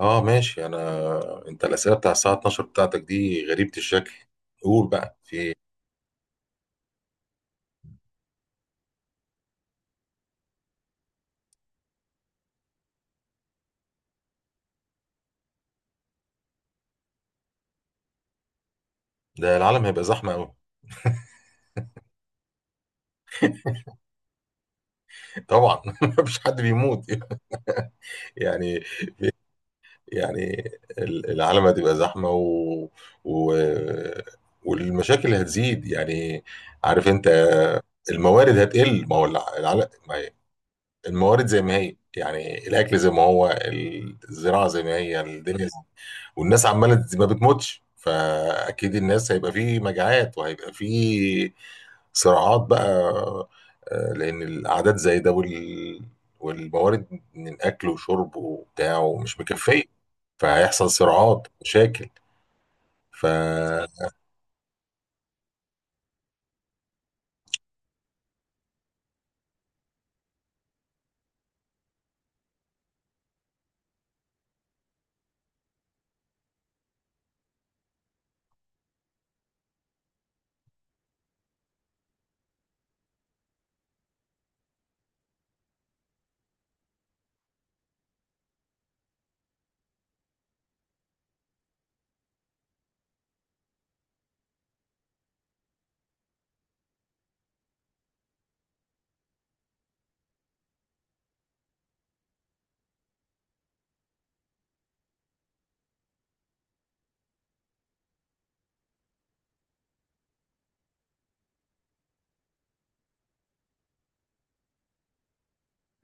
اه، ماشي. انت الاسئله بتاع الساعه 12 بتاعتك دي غريبه الشكل. قول بقى في ايه؟ ده العالم هيبقى زحمه قوي. طبعا. مفيش حد بيموت. يعني يعني العالم هتبقى زحمه و... والمشاكل اللي هتزيد، يعني. عارف انت، الموارد هتقل. ما هو العالم، ما هي الموارد زي ما هي، يعني الاكل زي ما هو، الزراعه زي ما هي الدنيا. والناس عماله ما بتموتش، فاكيد الناس هيبقى فيه مجاعات وهيبقى فيه صراعات بقى. لان الاعداد زي ده، والموارد من اكل وشرب وبتاع ومش مكفيه، فهيحصل صراعات مشاكل. ف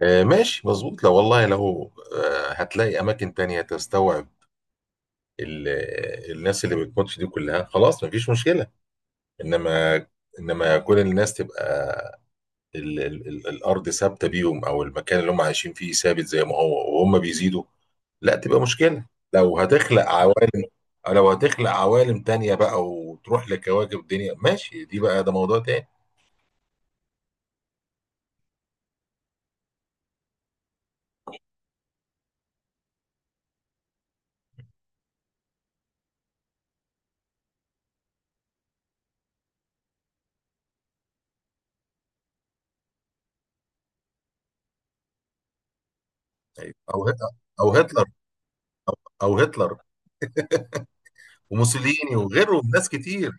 ماشي، مظبوط. لو، والله، لو هتلاقي اماكن تانية تستوعب ال... الناس اللي بتموتش دي كلها، خلاص مفيش مشكله. انما، كل الناس تبقى ال ال ال الارض ثابته بيهم، او المكان اللي هم عايشين فيه ثابت زي ما هو وهم بيزيدوا، لا تبقى مشكله. لو هتخلق عوالم لو هتخلق عوالم تانية بقى وتروح لكواكب الدنيا، ماشي، دي بقى ده موضوع تاني. طيب، او هتلر او هتلر وموسوليني وغيره من ناس كتير.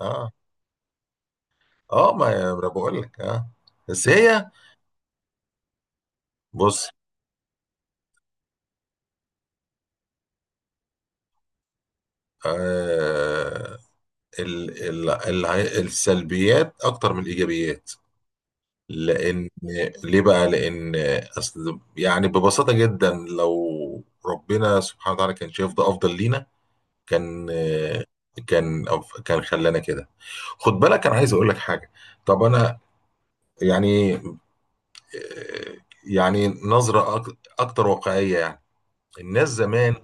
اه. اه، ما انا بقول لك. اه. بس هي، بص. آه ال ال ال السلبيات اكتر من الايجابيات. لان، ليه بقى؟ لان اصل، يعني ببساطه جدا، لو ربنا سبحانه وتعالى كان شايف ده افضل لينا، كان كان كان خلانا كده. خد بالك، انا عايز اقول لك حاجه. طب انا، يعني، يعني نظره اكتر واقعيه، يعني. الناس زمان،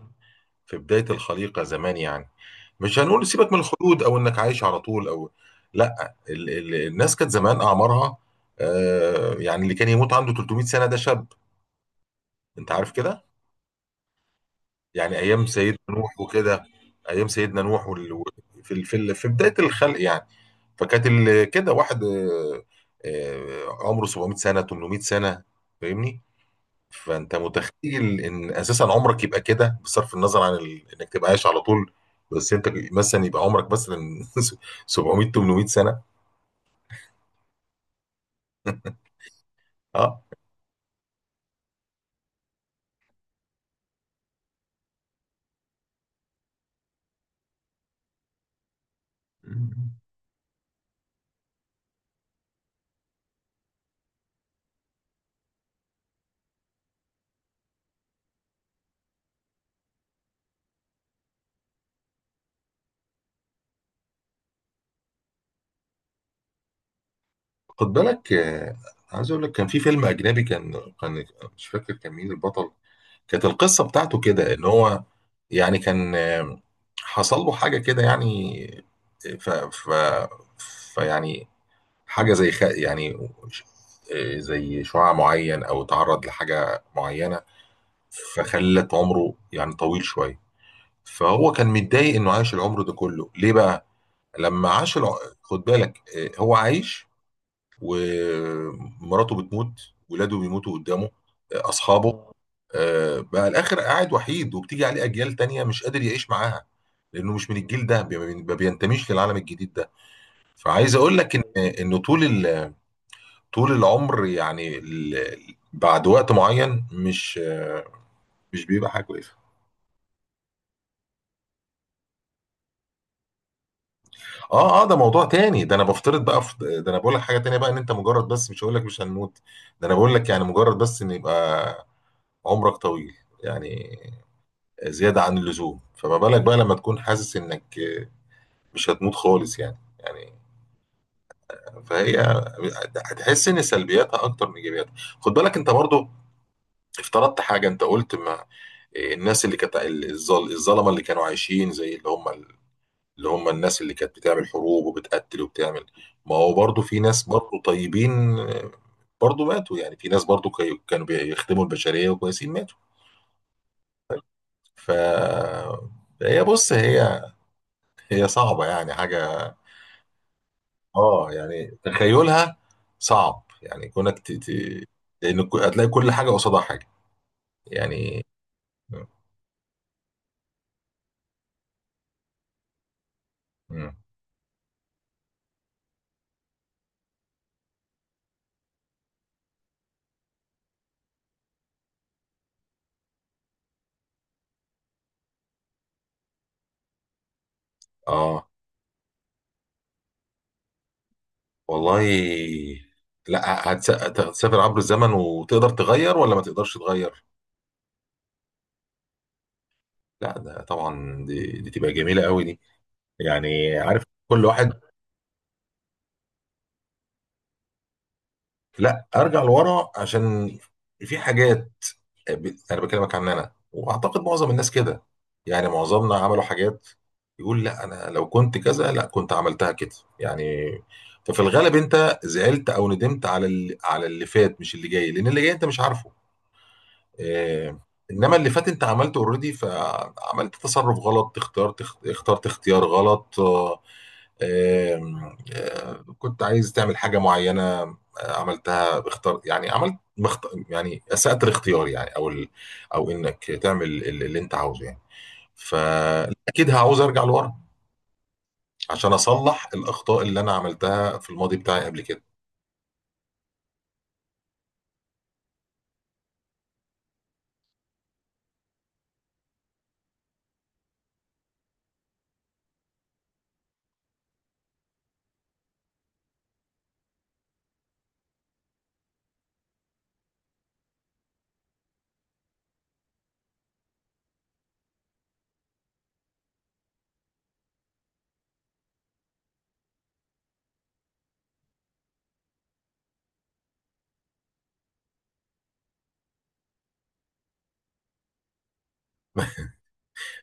في بدايه الخليقه زمان، يعني مش هنقول سيبك من الخلود او انك عايش على طول، او لا، الناس كانت زمان اعمارها يعني اللي كان يموت عنده 300 سنه ده شاب. انت عارف كده، يعني ايام سيدنا نوح وكده. ايام سيدنا نوح في بدايه الخلق، يعني. فكانت كده واحد عمره 700 سنه، 800 سنه، فاهمني؟ فانت متخيل ان اساسا عمرك يبقى كده، بصرف النظر عن انك تبقى عايش على طول، بس انت مثلا يبقى عمرك مثلا 700، 800 سنه. اه. خد بالك، عايز اقول لك كان في فيلم اجنبي، كان، كان مش فاكر كان مين البطل، كانت القصة بتاعته كده، ان هو، يعني، كان حصل له حاجة كده، يعني. ف ف فيعني حاجة زي يعني زي شعاع معين، او تعرض لحاجة معينة، فخلت عمره يعني طويل شوية. فهو كان متضايق انه عاش العمر ده كله ليه بقى، لما عاش خد بالك، هو عايش، ومراته بتموت، ولاده بيموتوا قدامه، اصحابه، بقى الاخر قاعد وحيد وبتيجي عليه اجيال تانية مش قادر يعيش معاها، لانه مش من الجيل ده، ما بينتميش للعالم الجديد ده. فعايز اقول لك ان، طول طول العمر، يعني بعد وقت معين مش مش بيبقى حاجه كويسه. اه، ده موضوع تاني. ده انا بفترض بقى في ده. انا بقول لك حاجه تانية بقى، ان انت مجرد، بس مش هقول لك مش هنموت، ده انا بقول لك يعني مجرد، بس ان يبقى عمرك طويل، يعني زياده عن اللزوم. فما بالك بقى لما تكون حاسس انك مش هتموت خالص، يعني. فهي هتحس ان سلبياتها اكتر من ايجابياتها. خد بالك، انت برضو افترضت حاجه، انت قلت ما الناس اللي كانت الظلمه اللي كانوا عايشين، زي اللي هم، اللي هم الناس اللي كانت بتعمل حروب وبتقتل وبتعمل. ما هو برضو في ناس برضو طيبين، برضو ماتوا. يعني في ناس برضو كانوا بيخدموا البشريه وكويسين، ماتوا. ف هي، بص، هي، هي صعبه يعني حاجه. اه، يعني تخيلها صعب، يعني كونك لان هتلاقي كل حاجه قصادها حاجه، يعني. مم. اه، والله. لا، هتسافر عبر الزمن وتقدر تغير، ولا ما تقدرش تغير؟ لا، ده طبعا، دي تبقى جميلة قوي دي، يعني عارف، كل واحد. لا، ارجع لورا، عشان في حاجات، انا بكلمك عن انا، واعتقد معظم الناس كده. يعني معظمنا عملوا حاجات يقول لا، انا لو كنت كذا لا كنت عملتها كده، يعني. ففي الغالب انت زعلت او ندمت على اللي، فات، مش اللي جاي، لان اللي جاي انت مش عارفه. آه، انما اللي فات انت عملته اوريدي، فعملت تصرف غلط، اخترت، اختيار غلط. آه، آم، آه، كنت عايز تعمل حاجه معينه، عملتها اختار، يعني عملت يعني اسأت الاختيار، يعني، او انك تعمل اللي انت عاوزه، يعني. فاكيد هعوز ارجع لورا، عشان اصلح الاخطاء اللي انا عملتها في الماضي بتاعي قبل كده.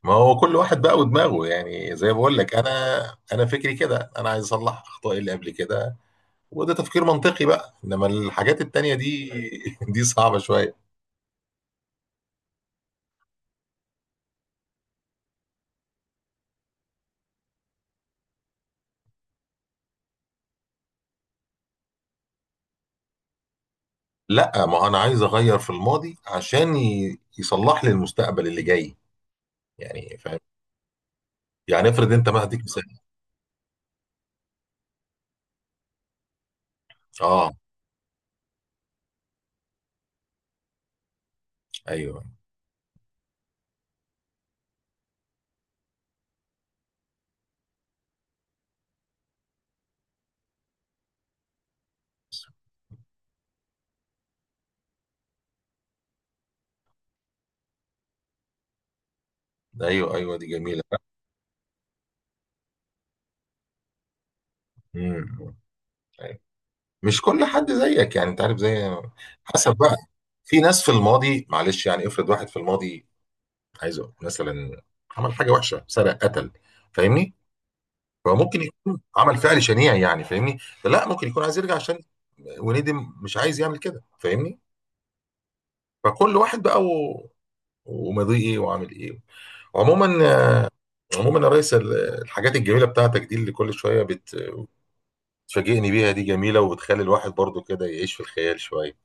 ما هو كل واحد بقى ودماغه، يعني زي ما بقول لك انا، انا فكري كده، انا عايز اصلح اخطائي اللي قبل كده، وده تفكير منطقي بقى، انما الحاجات التانية دي دي صعبة شوية. لا، ما هو انا عايز اغير في الماضي، عشان يصلح لي المستقبل اللي جاي، يعني فاهم. يعني افرض انت، ما هديك مثال. اه، ايوه، ايوه، ايوه، دي جميلة. امم. أيوة. مش كل حد زيك، يعني انت عارف، زي، حسب بقى. في ناس في الماضي، معلش، يعني افرض واحد في الماضي، عايز أقول مثلا، عمل حاجة وحشة، سرق، قتل، فاهمني؟ فممكن يكون عمل فعل شنيع، يعني فاهمني. لا، ممكن يكون عايز يرجع، عشان وندم، مش عايز يعمل كده، فاهمني. فكل واحد بقى، و... وماضيه ايه وعامل ايه. عموما، يا ريس، الحاجات الجميله بتاعتك دي اللي كل شويه بتفاجئني بيها دي جميله، وبتخلي الواحد برضو كده يعيش في الخيال شويه.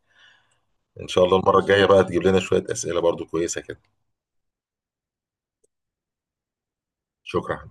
ان شاء الله المره الجايه بقى تجيب لنا شويه اسئله برضو كويسه كده. شكرا.